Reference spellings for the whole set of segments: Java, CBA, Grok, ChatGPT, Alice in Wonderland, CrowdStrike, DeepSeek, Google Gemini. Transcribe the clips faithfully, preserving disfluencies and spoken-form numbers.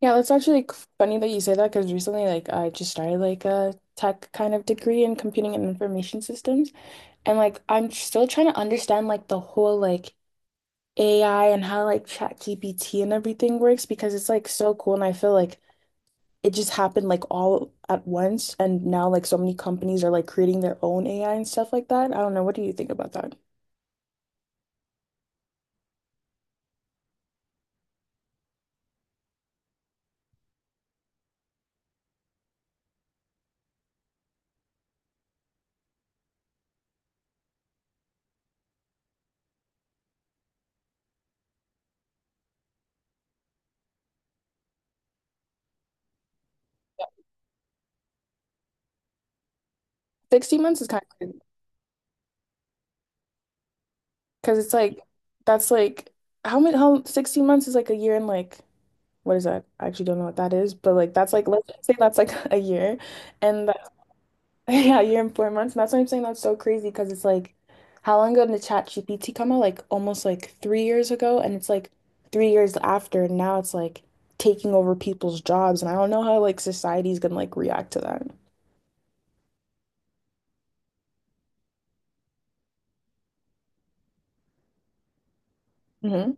Yeah, that's actually c- funny that you say that because recently, like, I just started like a tech kind of degree in computing and information systems, and like, I'm tr- still trying to understand like the whole like A I and how like ChatGPT and everything works because it's like so cool, and I feel like it just happened like all at once, and now like so many companies are like creating their own A I and stuff like that. I don't know. What do you think about that? sixteen months is kind of because it's like that's like how many how sixteen months is like a year and like. What is that? I actually don't know what that is, but like that's like let's say that's like a year, and that's yeah, a year and four months. And that's why I'm saying that's so crazy because it's like how long ago did ChatGPT come out? Like almost like three years ago, and it's like three years after, and now it's like taking over people's jobs, and I don't know how like society's gonna like react to that. Hmm.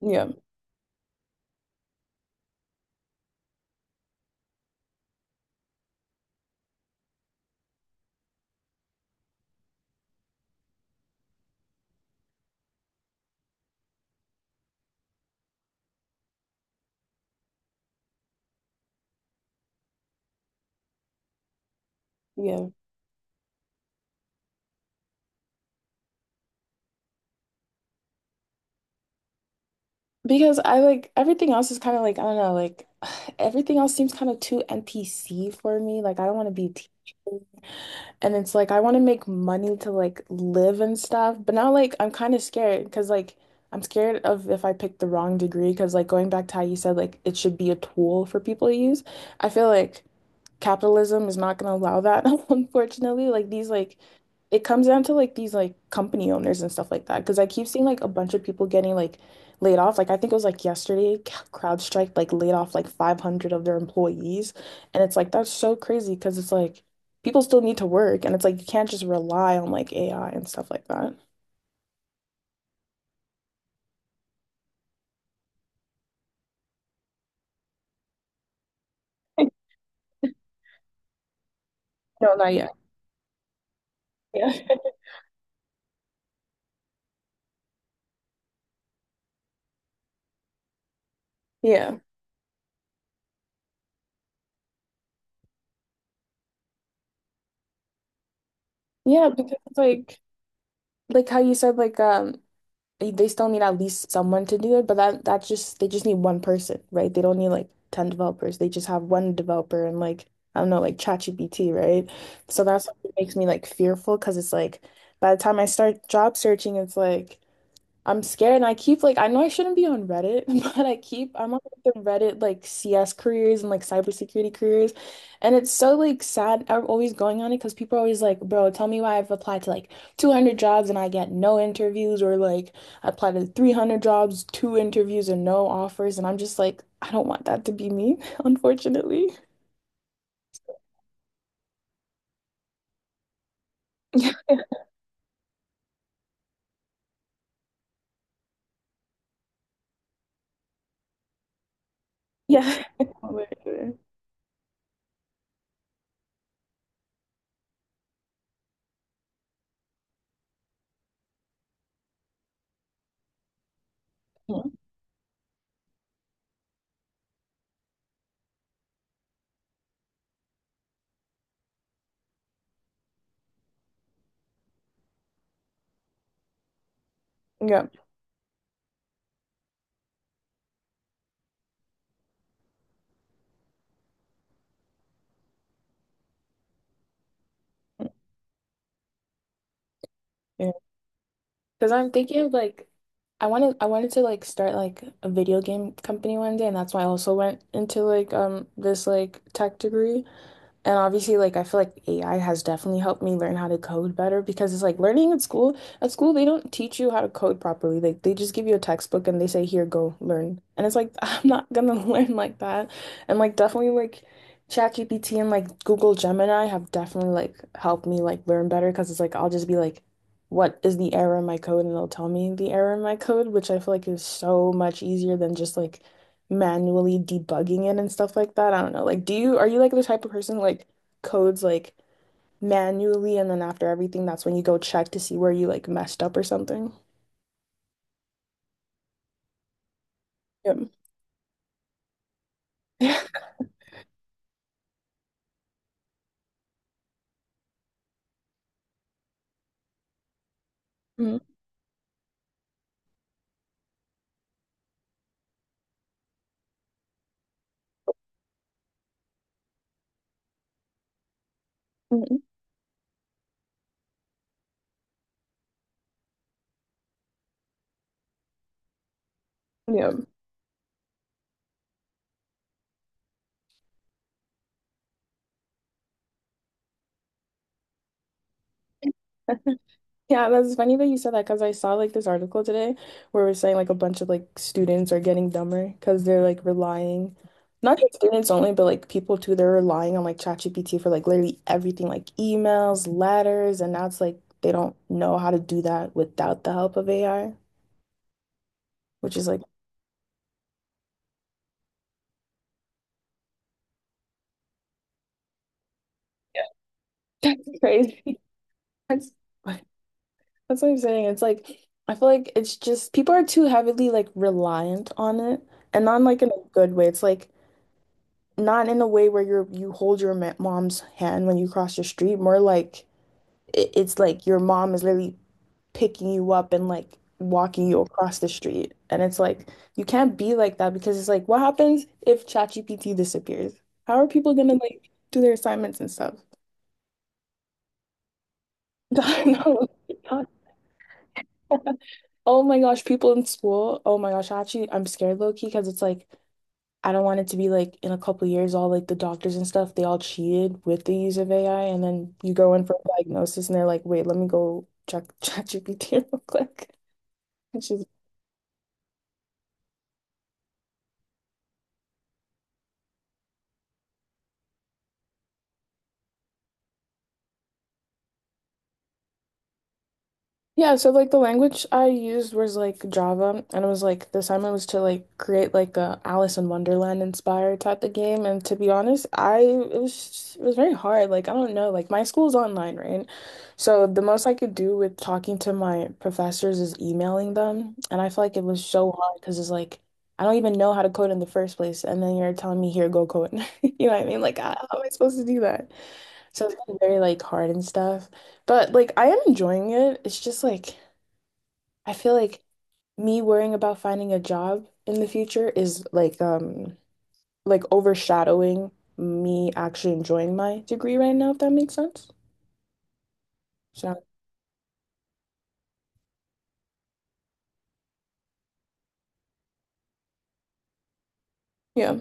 Yeah, yeah. Because I like everything else is kind of like I don't know, like everything else seems kind of too N P C for me. Like I don't want to be a teacher. And it's like I want to make money to like live and stuff, but now like I'm kind of scared because like I'm scared of if I pick the wrong degree because like going back to how you said like it should be a tool for people to use. I feel like capitalism is not going to allow that, unfortunately. Like these like it comes down to like these like company owners and stuff like that. Because I keep seeing like a bunch of people getting like laid off. Like I think it was like yesterday, C- CrowdStrike like laid off like five hundred of their employees, and it's like that's so crazy because it's like people still need to work, and it's like you can't just rely on like A I and stuff like that. No, not yet. Yeah. Yeah. Yeah, because it's like like how you said like um they still need at least someone to do it, but that that's just they just need one person, right? They don't need like ten developers. They just have one developer and like I don't know, like ChatGPT, right? So that's what makes me like fearful because it's like by the time I start job searching, it's like I'm scared and I keep like I know I shouldn't be on Reddit, but I keep I'm on like, the Reddit like C S careers and like cybersecurity careers. And it's so like sad I'm always going on it because people are always like, bro, tell me why I've applied to like two hundred jobs and I get no interviews or like I applied to three hundred jobs, two interviews and no offers. And I'm just like, I don't want that to be me, unfortunately. Yeah. Yeah. Yeah. Because I'm thinking of like I wanted I wanted to like start like a video game company one day and that's why I also went into like um this like tech degree. And obviously, like I feel like A I has definitely helped me learn how to code better because it's like learning at school. At school, they don't teach you how to code properly. Like they just give you a textbook and they say, "Here, go learn." And it's like I'm not gonna learn like that. And like definitely like ChatGPT and like Google Gemini have definitely like helped me like learn better because it's like I'll just be like, "What is the error in my code?" and it'll tell me the error in my code, which I feel like is so much easier than just like manually debugging it and stuff like that. I don't know. Like, do you are you like the type of person who, like codes like manually and then after everything, that's when you go check to see where you like messed up or something? Yep. Mhm. Mhm. Yep. Yeah, that's funny that you said that because I saw like this article today where we're saying like a bunch of like students are getting dumber because they're like relying, not just students only, but like people too. They're relying on like ChatGPT for like literally everything, like emails, letters, and now it's like they don't know how to do that without the help of A I, which is like that's crazy. That's that's what I'm saying. It's like I feel like it's just people are too heavily like reliant on it, and not in, like in a good way. It's like not in a way where you're you hold your ma- mom's hand when you cross the street, more like it, it's like your mom is literally picking you up and like walking you across the street. And it's like you can't be like that because it's like what happens if ChatGPT disappears? How are people gonna like do their assignments and stuff? No. Oh my gosh, people in school. Oh my gosh, actually, I'm scared low key because it's like I don't want it to be like in a couple years, all like the doctors and stuff, they all cheated with the use of A I. And then you go in for a diagnosis and they're like, wait, let me go check ChatGPT real quick. Which is Yeah, so like the language I used was like Java, and it was like the assignment was to like create like a Alice in Wonderland inspired type of game. And to be honest, I it was it was very hard. Like I don't know, like my school's online, right? So the most I could do with talking to my professors is emailing them, and I feel like it was so hard because it's like I don't even know how to code in the first place, and then you're telling me here, go code. You know what I mean? Like, how how am I supposed to do that? So it's been very like hard and stuff. But like I am enjoying it. It's just like I feel like me worrying about finding a job in the future is like um like overshadowing me actually enjoying my degree right now, if that makes sense. So yeah.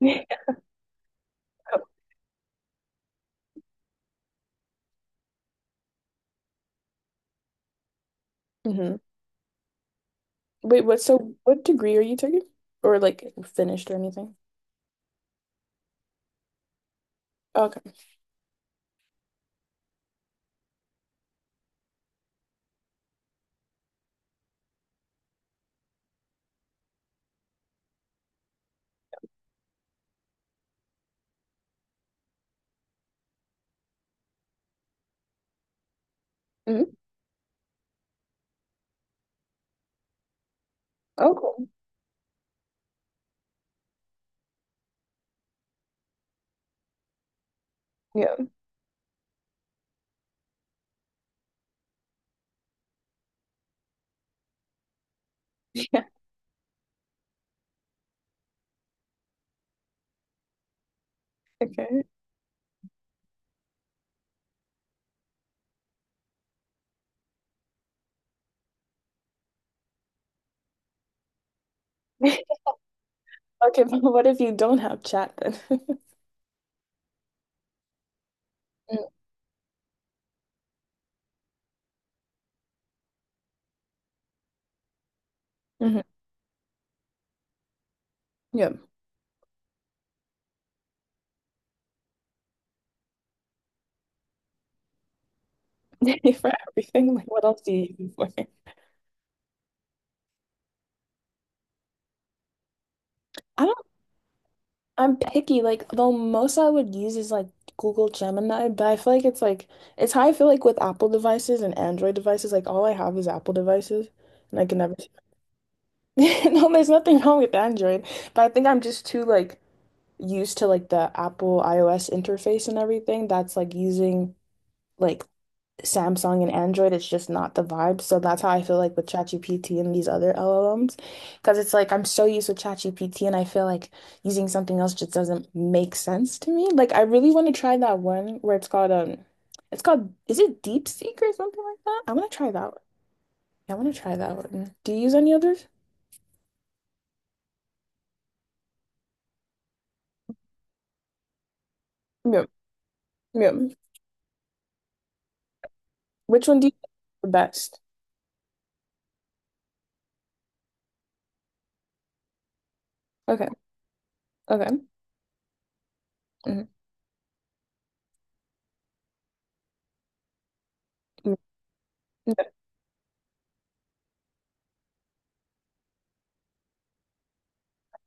Hmm. Wait, what so what degree are you taking? Or like finished or anything? Okay. Hmm. Oh, cool. Yeah. Yeah. Okay. Okay, but what if you don't have chat then? Mm-hmm. Yeah. For everything, like what else do you use it for? I don't, I'm picky. Like, the most I would use is like Google Gemini, but I feel like it's like, it's how I feel like with Apple devices and Android devices. Like, all I have is Apple devices, and I can never, no, there's nothing wrong with Android, but I think I'm just too like used to like the Apple iOS interface and everything that's like using. Like. Samsung and Android, it's just not the vibe. So that's how I feel like with ChatGPT and these other L L Ms. Because it's like I'm so used with ChatGPT and I feel like using something else just doesn't make sense to me. Like I really want to try that one where it's called um it's called is it DeepSeek or something like that? I want to try that one. I want to try that one. Do you use any others? Yeah. Yeah. Which one do you think is the best? Okay. Okay. Mhm.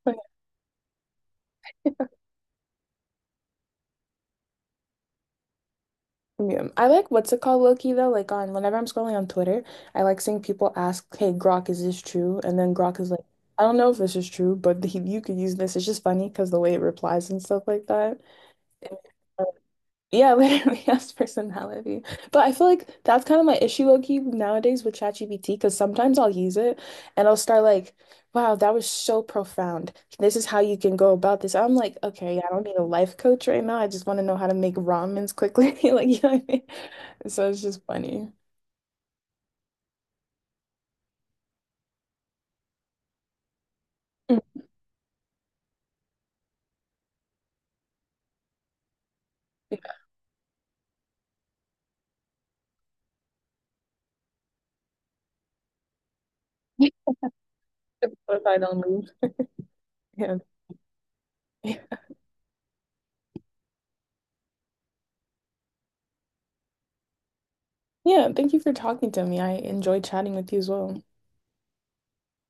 Mhm. Yeah. I like what's it called, Loki, though. Like on whenever I'm scrolling on Twitter, I like seeing people ask, "Hey, Grok, is this true?" And then Grok is like, "I don't know if this is true, but he, you could use this." It's just funny because the way it replies and stuff like that. Yeah, literally has personality. But I feel like that's kind of my issue low key nowadays with ChatGPT because sometimes I'll use it and I'll start like, wow, that was so profound. This is how you can go about this. I'm like, okay, I don't need a life coach right now. I just want to know how to make ramens quickly. Like, you know what I mean? So it's just funny. Mm. Yeah, if I don't move. Yeah. Yeah, thank you for talking to me. I enjoyed chatting with you as well.